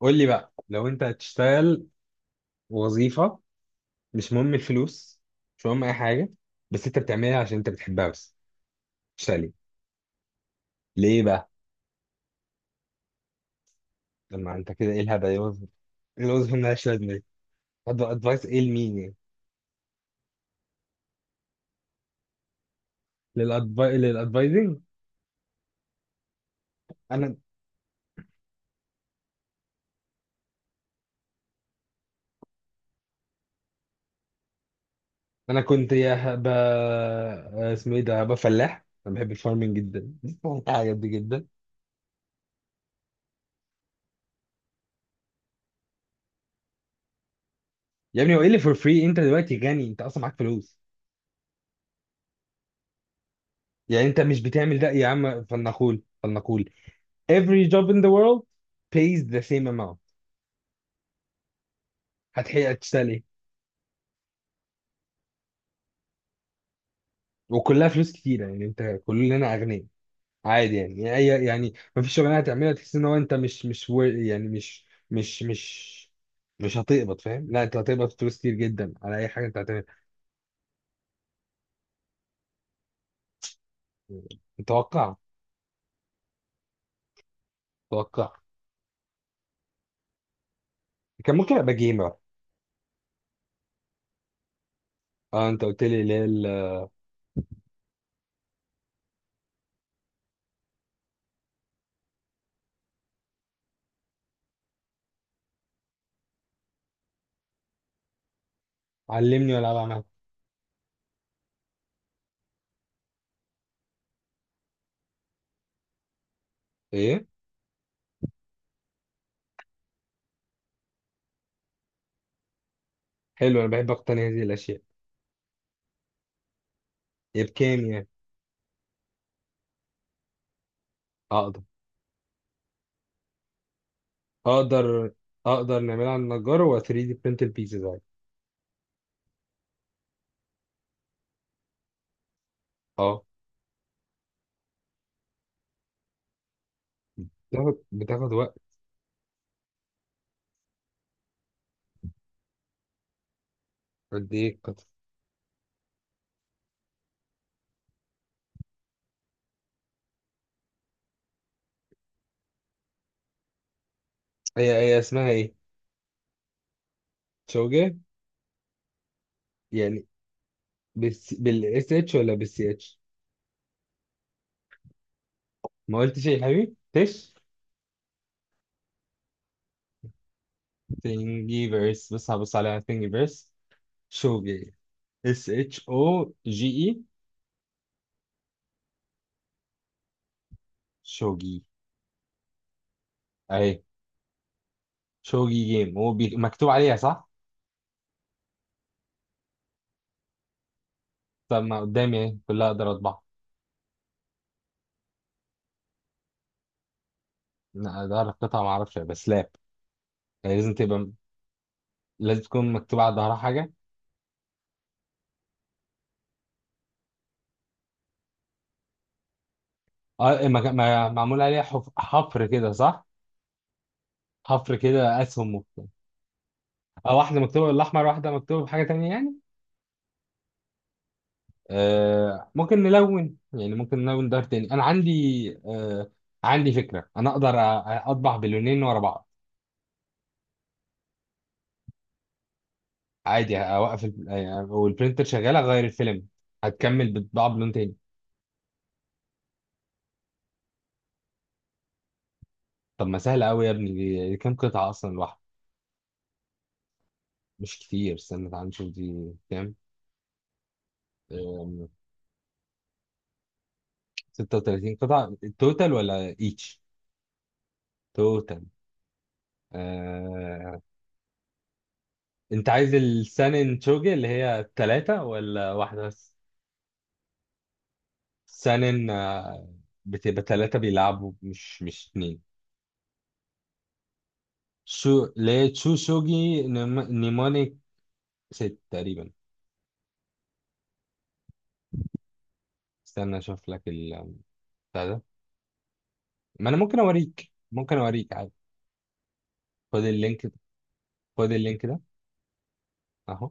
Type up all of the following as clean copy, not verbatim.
قول لي بقى، لو انت هتشتغل وظيفة، مش مهم الفلوس، مش مهم اي حاجة، بس انت بتعملها عشان انت بتحبها بس، تشتغل ليه؟ ليه بقى؟ لما انت كده ايه الهبل؟ ايه الوظيفة؟ ايه الوظيفة مالهاش لازمة دي؟ طب ادفايس ايه لمين يعني؟ للادفايزنج. انا انا كنت يا هبقى، اسمه ايه ده، هبقى فلاح. انا بحب الفارمنج جدا الحاجات دي جدا. يا ابني هو ايه اللي فور فري؟ انت دلوقتي غني، انت اصلا معاك فلوس، يعني انت مش بتعمل ده يا عم. فلنقول فلنقول every job in the world pays the same amount، هتحقق تشتغل ايه؟ وكلها فلوس كتيره، يعني انت كلنا اغنياء. عادي يعني، يعني يعني ما فيش شغلانه هتعملها تحس ان هو انت مش مش wor- يعني مش، مش مش هتقبض، فاهم؟ لا، انت هتقبض فلوس كتير جدا على اي حاجه انت هتعملها. متوقع، متوقع. كان ممكن ابقى جيمر. اه، انت قلت لي ليه علمني والعب عمل ايه. حلو، انا بحب اقتني هذه الاشياء. هي بكام يعني؟ اقدر، اقدر اقدر نعملها على النجار و 3 دي print البيزز. اه، بتاخد وقت. قد ايه هي هي اسمها ايه؟ شوجة يعني؟ بس بالاس اتش ولا بالسي اتش؟ ما قلتش ايه يا حبيبي تش. تنجيفرس، بس هبص عليها تنجيفرس. شوجة اس اتش او جي اي. شوجي. اهي. شوجي جيم هو مكتوب عليها صح؟ طب ما قدامي اهي كلها، اقدر اطبعها. لا، اقدر اقطعها، ما اعرفش، بس لاب. يعني لازم تبقى، لازم تكون مكتوب على ظهرها حاجه. اه، معمول عليها حفر كده، صح؟ حفر كده، اسهم مكتوب. او واحده مكتوبه بالاحمر، واحده مكتوبه بحاجه تانية يعني. آه، ممكن نلون يعني، ممكن نلون دار تاني. انا عندي، آه، عندي فكره، انا اقدر اطبع باللونين ورا بعض. عادي، اوقف يعني والبرنتر شغاله، اغير الفيلم، هتكمل بتطبع بلون تاني. طب ما سهله قوي يا ابني دي كام قطعه اصلا الواحده؟ مش كتير، استنى تعال نشوف دي كام. آم، 36 قطعه توتال ولا ايتش؟ توتال. انت عايز السانن توجي اللي هي التلاتة ولا واحدة بس؟ سانن، آه، بتبقى تلاتة بيلعبوا، مش اتنين. شو ليه تشو شوجي نيمونيك. ست تقريبا. استنى اشوف لك ال بتاع ده. ما انا ممكن اوريك، ممكن اوريك عادي. خد اللينك، خد اللينك ده. اهو.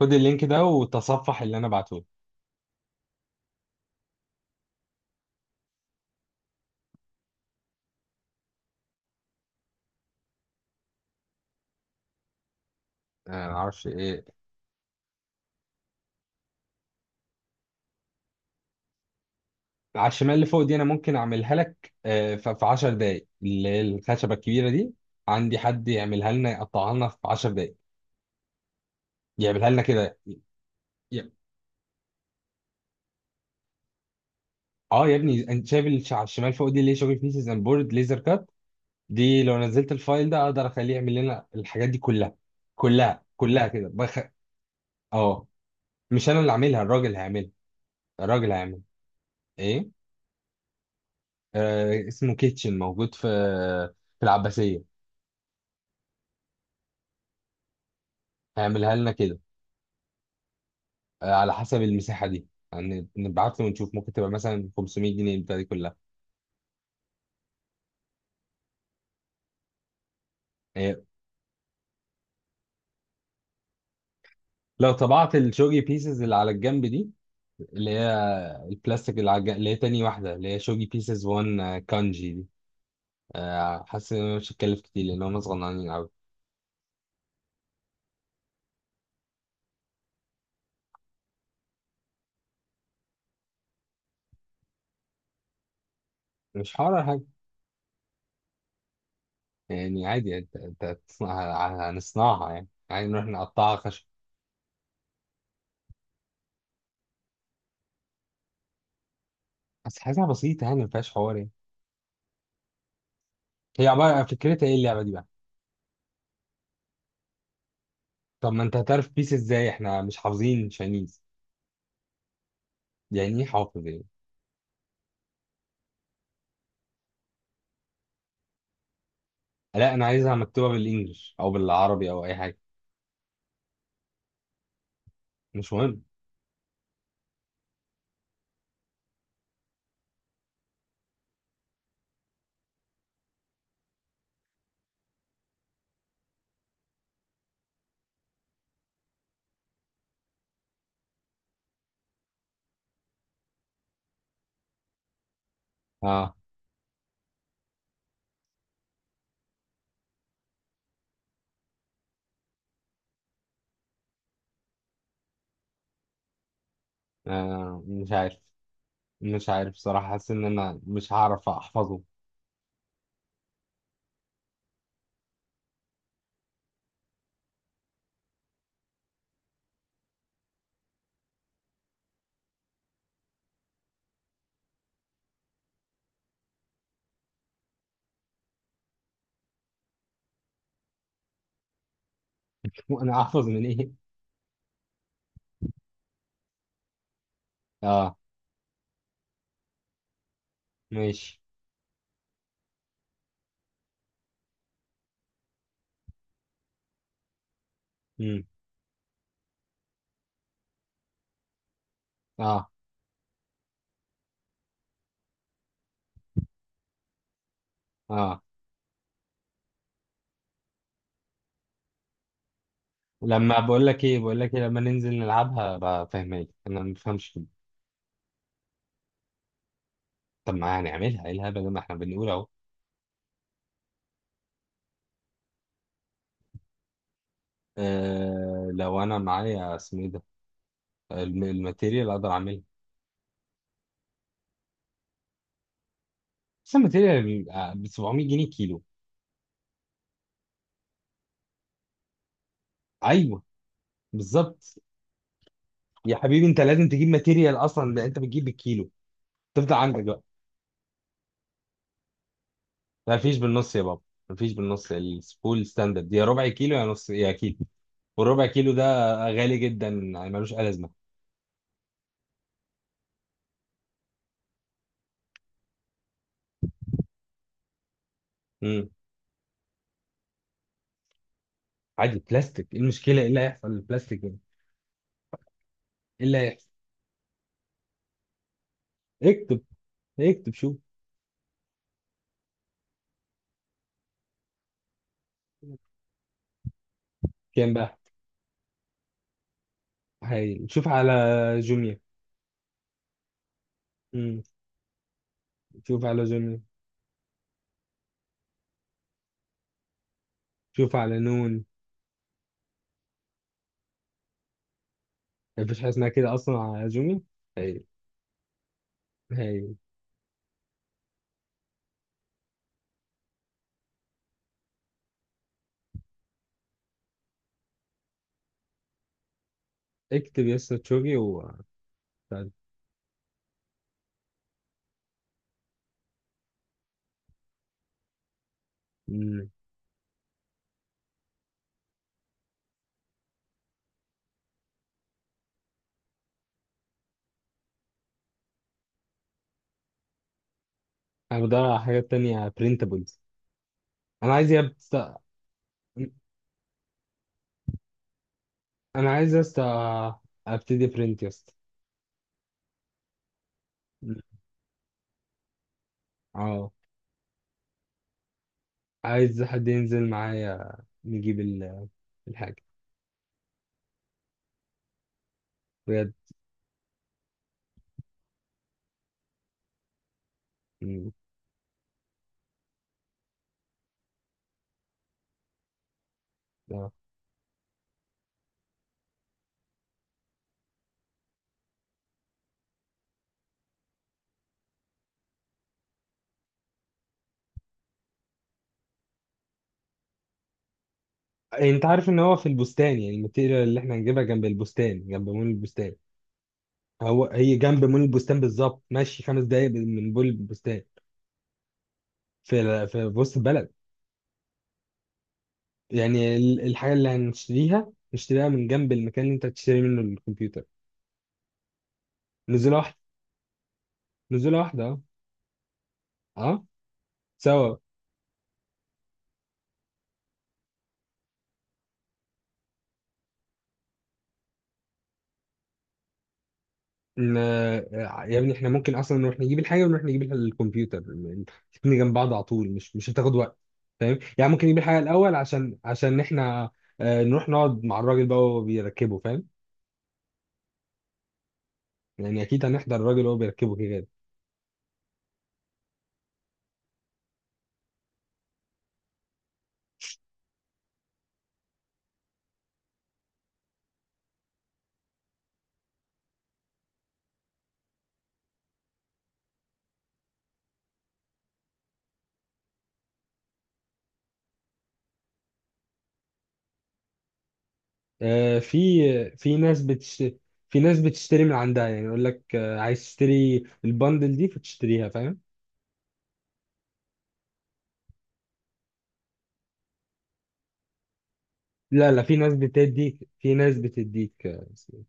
خد اللينك ده وتصفح اللي انا بعته لك. انا ما اعرفش ايه. على الشمال اللي فوق دي انا ممكن اعملها لك، آه، في 10 دقايق، اللي هي الخشبه الكبيره دي. عندي حد يعملها لنا، يقطعها لنا في 10 دقايق، يعملها لنا كده. ي- اه يا ابني، انت شايف اللي على الشمال فوق دي اللي هي شغل بيسز اند بورد ليزر كات؟ دي لو نزلت الفايل ده اقدر اخليه يعمل لنا الحاجات دي كلها، كلها كلها كده اه. مش انا اللي عاملها، الراجل هيعملها. الراجل هيعمل ايه؟ آه، اسمه كيتشن، موجود في، في العباسيه. هيعملها لنا كده. آه، على حسب المساحه دي، يعني نبعت له ونشوف، ممكن تبقى مثلا 500 جنيه البتاعه دي كلها. آه، لو طبعت الشوجي بيسز اللي على الجنب دي، اللي هي البلاستيك اللي على الجنب، اللي هي تاني واحده اللي هي شوجي بيسز 1 كانجي دي، آه، حاسس ان أنا مش هتكلف كتير لان هم صغننين قوي. مش حوار ولا حاجه يعني، عادي انت، أنت هتصنعها، هنصنعها يعني عادي، نروح نقطعها خشب. بس حاجه بسيطه يعني، ما فيهاش حوار يعني. هي عباره فكرتها ايه اللعبه دي بقى؟ طب ما انت هتعرف بيس ازاي؟ احنا مش حافظين شاينيز. يعني ايه حافظ ايه؟ لا، انا عايزها مكتوبه بالانجلش او بالعربي او اي حاجه. مش مهم. اه. آه، مش عارف، مش عارف بصراحه، حاسس ان انا مش هعرف احفظه. وانا احفظ من ايه؟ اه. ماشي. امم. اه. اه. لما بقول لك ايه بقول لك إيه لما ننزل نلعبها بقى، فاهمك، انا ما بفهمش كده. طب ما هنعملها ايه الهبل ده، ما احنا بنقول اهو. آه، لو انا معايا اسمه ايه ده، الماتيريال، اقدر اعملها. بس الماتيريال ب 700 جنيه كيلو. ايوه، بالظبط. يا حبيبي انت لازم تجيب ماتيريال اصلا، ده انت بتجيب بالكيلو. تفضل عندك بقى. ما فيش بالنص يا بابا. ما فيش بالنص، السبول ستاندرد يا ربع كيلو يا نص يا كيلو. والربع كيلو ده غالي جدا، يعني ملوش اي لازمه. امم. عادي بلاستيك، ايه المشكله؟ ايه اللي هيحصل للبلاستيك يعني؟ ايه اللي هيحصل؟ اكتب، اكتب شوف. كام بقى؟ هاي، شوف على جوميا. امم. شوف على جوميا، شوف على نون. ما فيش حاجه اسمها كده اصلا على جوميا. هاي، هاي. اكتب يس تشوجي و طيب. مم. انا بدور على حاجات تانية printables. انا عايز انا عايز يا اسطى، ابتدي print يا اسطى. اه. عايز حد ينزل معايا نجيب الحاجة. بجد. م. آه. انت عارف ان هو في البستان؟ يعني الماتيريال اللي احنا هنجيبها جنب البستان، جنب مول البستان. هو هي جنب مول البستان بالظبط، ماشي 5 دقايق من مول البستان. في، في وسط البلد. يعني الحاجة اللي هنشتريها نشتريها من جنب المكان اللي انت هتشتري منه الكمبيوتر. نزولة واحدة، نزولة واحدة. اه. سوا. ان آه، يا ابني احنا ممكن اصلا نروح نجيب الحاجه ونروح نجيب الكمبيوتر الاثنين جنب بعض على طول، مش هتاخد وقت. فاهم يعني؟ ممكن نجيب الحاجه الاول عشان، عشان احنا، آه، نروح نقعد مع الراجل بقى وهو بيركبه، فاهم؟ يعني اكيد هنحضر الراجل وهو بيركبه كده. آه، في، في ناس بتش في ناس بتشتري من عندها، يعني يقول لك، آه، عايز تشتري البندل دي فتشتريها، فاهم؟ لا لا، في ناس بتديك، في ناس بتديك، آه، اسمه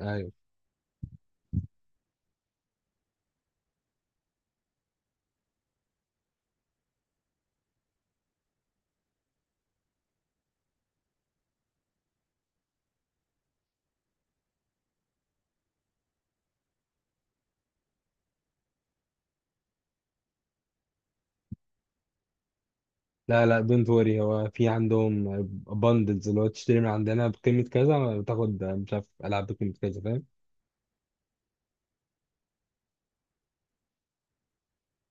إيه؟ أيوه. لا لا، دونت وري، هو في عندهم بندلز، اللي هو تشتري من عندنا بقيمة كذا بتاخد مش عارف ألعاب بقيمة كذا، فاهم؟